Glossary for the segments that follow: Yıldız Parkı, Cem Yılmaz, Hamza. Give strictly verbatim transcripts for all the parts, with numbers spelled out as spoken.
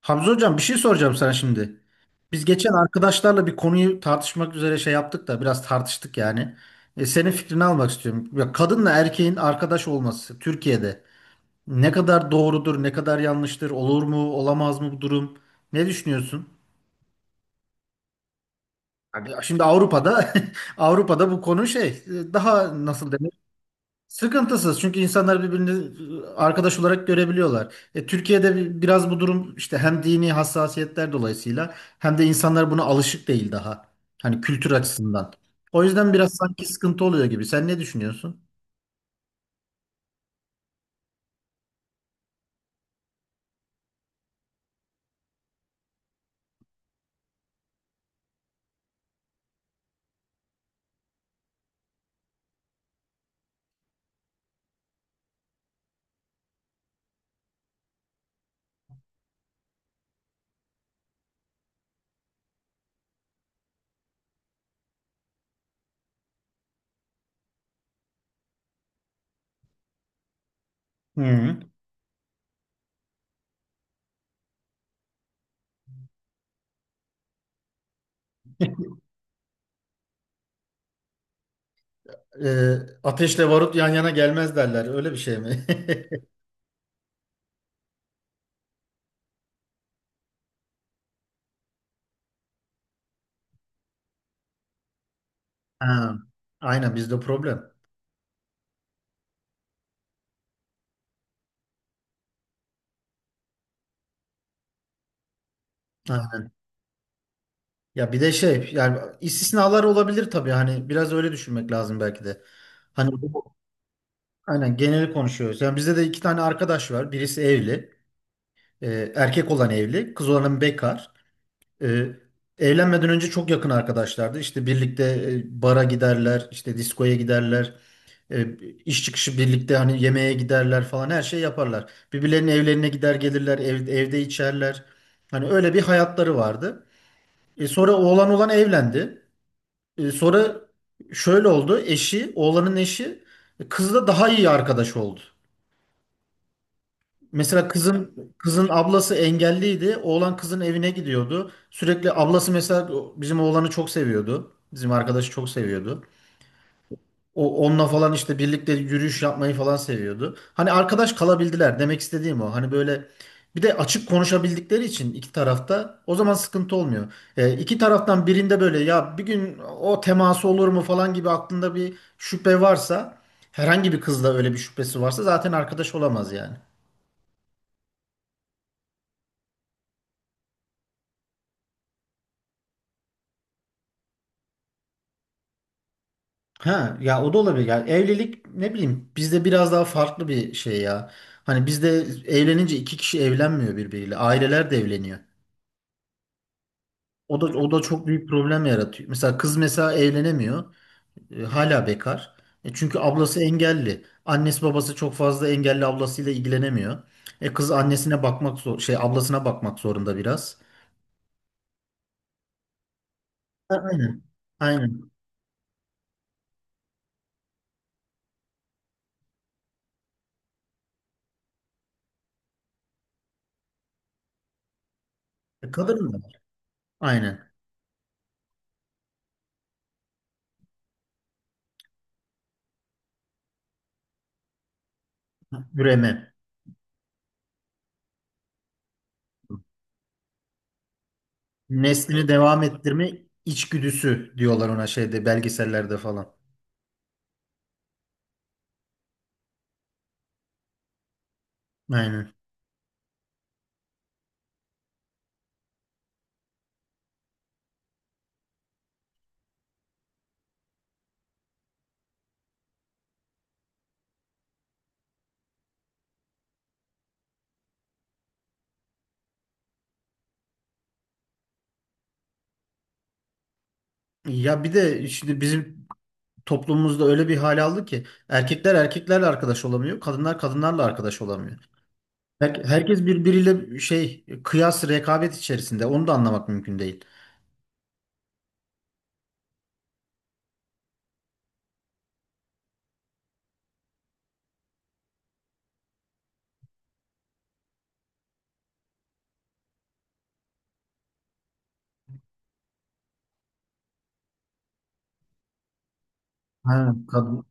Hamza hocam bir şey soracağım sana şimdi. Biz geçen arkadaşlarla bir konuyu tartışmak üzere şey yaptık da biraz tartıştık yani. E, senin fikrini almak istiyorum. Ya kadınla erkeğin arkadaş olması Türkiye'de ne kadar doğrudur, ne kadar yanlıştır, olur mu, olamaz mı bu durum? Ne düşünüyorsun? Abi, şimdi Avrupa'da Avrupa'da bu konu şey e, daha nasıl denir? Sıkıntısız, çünkü insanlar birbirini arkadaş olarak görebiliyorlar. E, Türkiye'de bi- biraz bu durum işte hem dini hassasiyetler dolayısıyla hem de insanlar buna alışık değil daha. Hani kültür açısından. O yüzden biraz sanki sıkıntı oluyor gibi. Sen ne düşünüyorsun? Hı. E, Ateşle barut yan yana gelmez derler. Öyle bir şey mi? Ha, aynen bizde problem. Aynen. Ya bir de şey yani istisnalar olabilir tabii hani biraz öyle düşünmek lazım belki de. Hani aynen geneli konuşuyoruz. Yani bizde de iki tane arkadaş var. Birisi evli. E, erkek olan evli. Kız olanın bekar. E, Evlenmeden önce çok yakın arkadaşlardı. İşte birlikte e, bara giderler. İşte diskoya giderler. E, iş çıkışı birlikte hani yemeğe giderler falan, her şey yaparlar. Birbirlerinin evlerine gider gelirler. Ev, evde içerler. Hani öyle bir hayatları vardı. E, sonra oğlan olan evlendi. E, sonra şöyle oldu. Eşi, oğlanın eşi e, kızla daha iyi arkadaş oldu. Mesela kızın kızın ablası engelliydi. Oğlan kızın evine gidiyordu. Sürekli ablası mesela bizim oğlanı çok seviyordu. Bizim arkadaşı çok seviyordu. O onunla falan işte birlikte yürüyüş yapmayı falan seviyordu. Hani arkadaş kalabildiler, demek istediğim o. Hani böyle, bir de açık konuşabildikleri için iki tarafta o zaman sıkıntı olmuyor. E, iki taraftan birinde böyle ya bir gün o teması olur mu falan gibi aklında bir şüphe varsa, herhangi bir kızla öyle bir şüphesi varsa zaten arkadaş olamaz yani. Ha ya o da olabilir. Yani evlilik ne bileyim bizde biraz daha farklı bir şey ya. Hani bizde evlenince iki kişi evlenmiyor birbiriyle. Aileler de evleniyor. O da o da çok büyük problem yaratıyor. Mesela kız mesela evlenemiyor. E, hala bekar. E, çünkü ablası engelli. Annesi babası çok fazla engelli ablasıyla ilgilenemiyor. E kız annesine bakmak zor şey ablasına bakmak zorunda biraz. Ha, aynen. Aynen. E, kadın da var. Aynen. Üreme. Neslini devam ettirme içgüdüsü diyorlar ona şeyde belgesellerde falan. Aynen. Ya bir de şimdi bizim toplumumuzda öyle bir hal aldı ki erkekler erkeklerle arkadaş olamıyor, kadınlar kadınlarla arkadaş olamıyor. Her- herkes birbiriyle şey kıyas rekabet içerisinde. Onu da anlamak mümkün değil. Ha, kadın.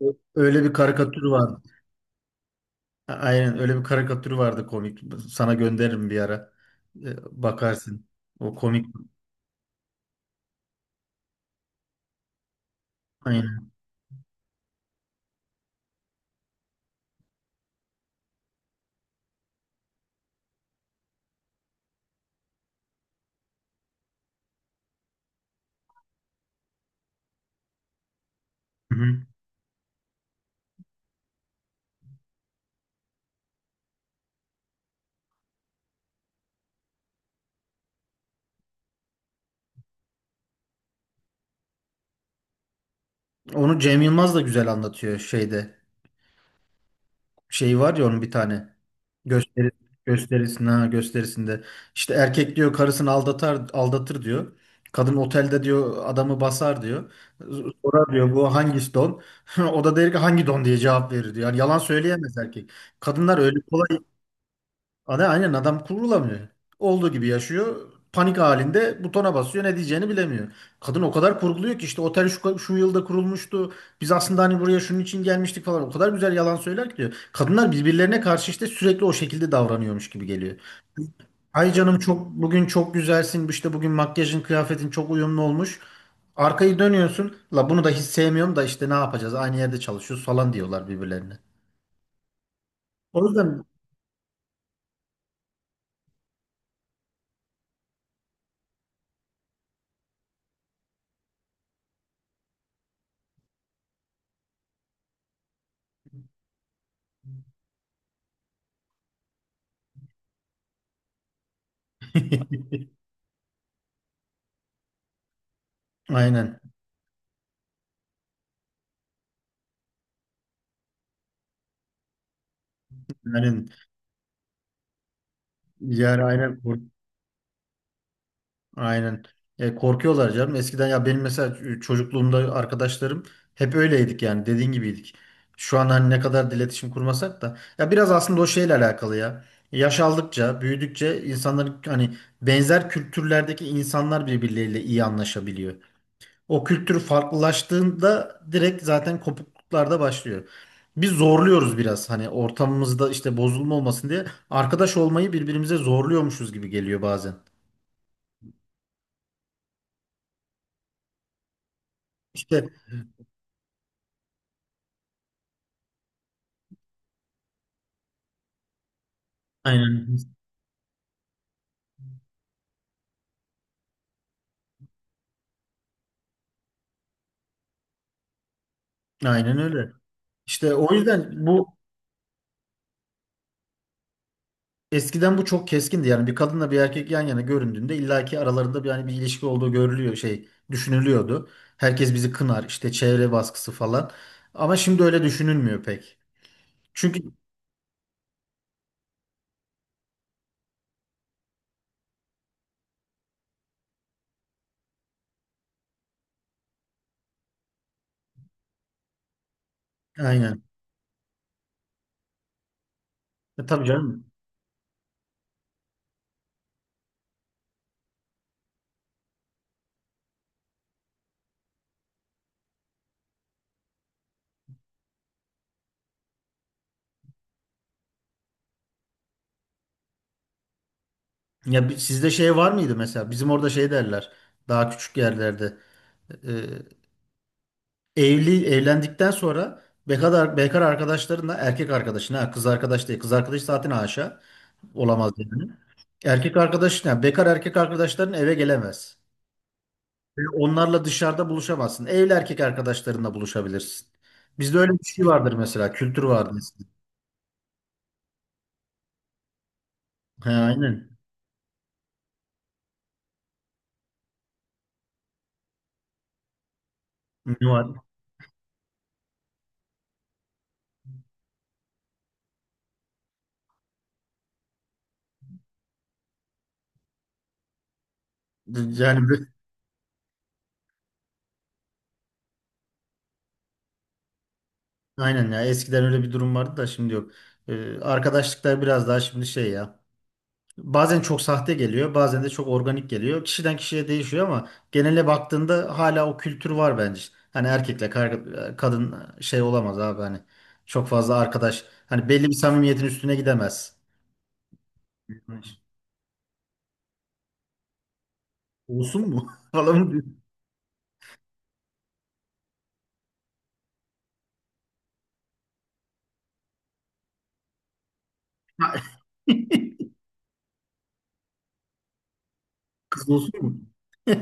Ö- Öyle bir karikatür vardı. A- Aynen öyle bir karikatür vardı, komik. Sana gönderirim bir ara. Ee, Bakarsın. O komik. Aynen. Hı hı. Onu Cem Yılmaz da güzel anlatıyor şeyde. Şey var ya onun bir tane. Gösteri, Gösterisinde, ha, gösterisinde. İşte erkek diyor karısını aldatar, aldatır diyor. Kadın otelde diyor adamı basar diyor. Sonra diyor bu hangi don? O da der ki hangi don diye cevap verir diyor. Yani yalan söyleyemez erkek. Kadınlar öyle kolay. Adam, aynen adam kurulamıyor. Olduğu gibi yaşıyor. Panik halinde butona basıyor. Ne diyeceğini bilemiyor. Kadın o kadar kurguluyor ki işte otel şu, şu yılda kurulmuştu. Biz aslında hani buraya şunun için gelmiştik falan. O kadar güzel yalan söyler ki diyor. Kadınlar birbirlerine karşı işte sürekli o şekilde davranıyormuş gibi geliyor. Ay canım çok bugün çok güzelsin. İşte bugün makyajın kıyafetin çok uyumlu olmuş. Arkayı dönüyorsun. La bunu da hiç sevmiyorum da işte ne yapacağız? Aynı yerde çalışıyoruz falan diyorlar birbirlerine. O yüzden aynen. Yani, Yani aynen. Aynen. E, korkuyorlar canım. Eskiden ya benim mesela ç- çocukluğumda arkadaşlarım hep öyleydik yani, dediğin gibiydik. Şu an hani ne kadar da iletişim kurmasak da ya biraz aslında o şeyle alakalı ya. Yaş aldıkça, büyüdükçe insanların hani benzer kültürlerdeki insanlar birbirleriyle iyi anlaşabiliyor. O kültür farklılaştığında direkt zaten kopukluklar da başlıyor. Biz zorluyoruz biraz hani ortamımızda işte bozulma olmasın diye arkadaş olmayı birbirimize zorluyormuşuz gibi geliyor bazen. İşte aynen. Aynen öyle. İşte o yüzden bu, eskiden bu çok keskindi. Yani bir kadınla bir erkek yan yana göründüğünde illaki aralarında bir yani bir ilişki olduğu görülüyor şey düşünülüyordu. Herkes bizi kınar işte çevre baskısı falan. Ama şimdi öyle düşünülmüyor pek. Çünkü aynen. E, tabii canım. Ya bi- sizde şey var mıydı mesela? Bizim orada şey derler. Daha küçük yerlerde. e, e, Evli evlendikten sonra bekar, bekar arkadaşlarınla erkek arkadaşına kız arkadaş değil. Kız arkadaş zaten haşa olamaz yani. Erkek arkadaşın, yani bekar erkek arkadaşların eve gelemez. Ve onlarla dışarıda buluşamazsın. Evli erkek arkadaşlarınla buluşabilirsin. Bizde öyle bir şey vardır mesela, kültür vardır eskiden. He, aynen. Ne var? Yani bir- aynen ya eskiden öyle bir durum vardı da şimdi yok. Ee, arkadaşlıklar biraz daha şimdi şey ya. Bazen çok sahte geliyor, bazen de çok organik geliyor. Kişiden kişiye değişiyor ama genele baktığında hala o kültür var bence. Hani erkekle kar- kadın şey olamaz abi hani. Çok fazla arkadaş. Hani belli bir samimiyetin üstüne gidemez. Olsun mu? Falan mı diyor? Kız olsun mu?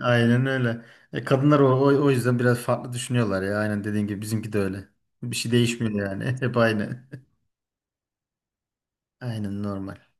Aynen öyle. E, kadınlar o, o, o yüzden biraz farklı düşünüyorlar ya. Aynen dediğin gibi bizimki de öyle. Bir şey değişmiyor yani. Hep aynı. Aynen normal.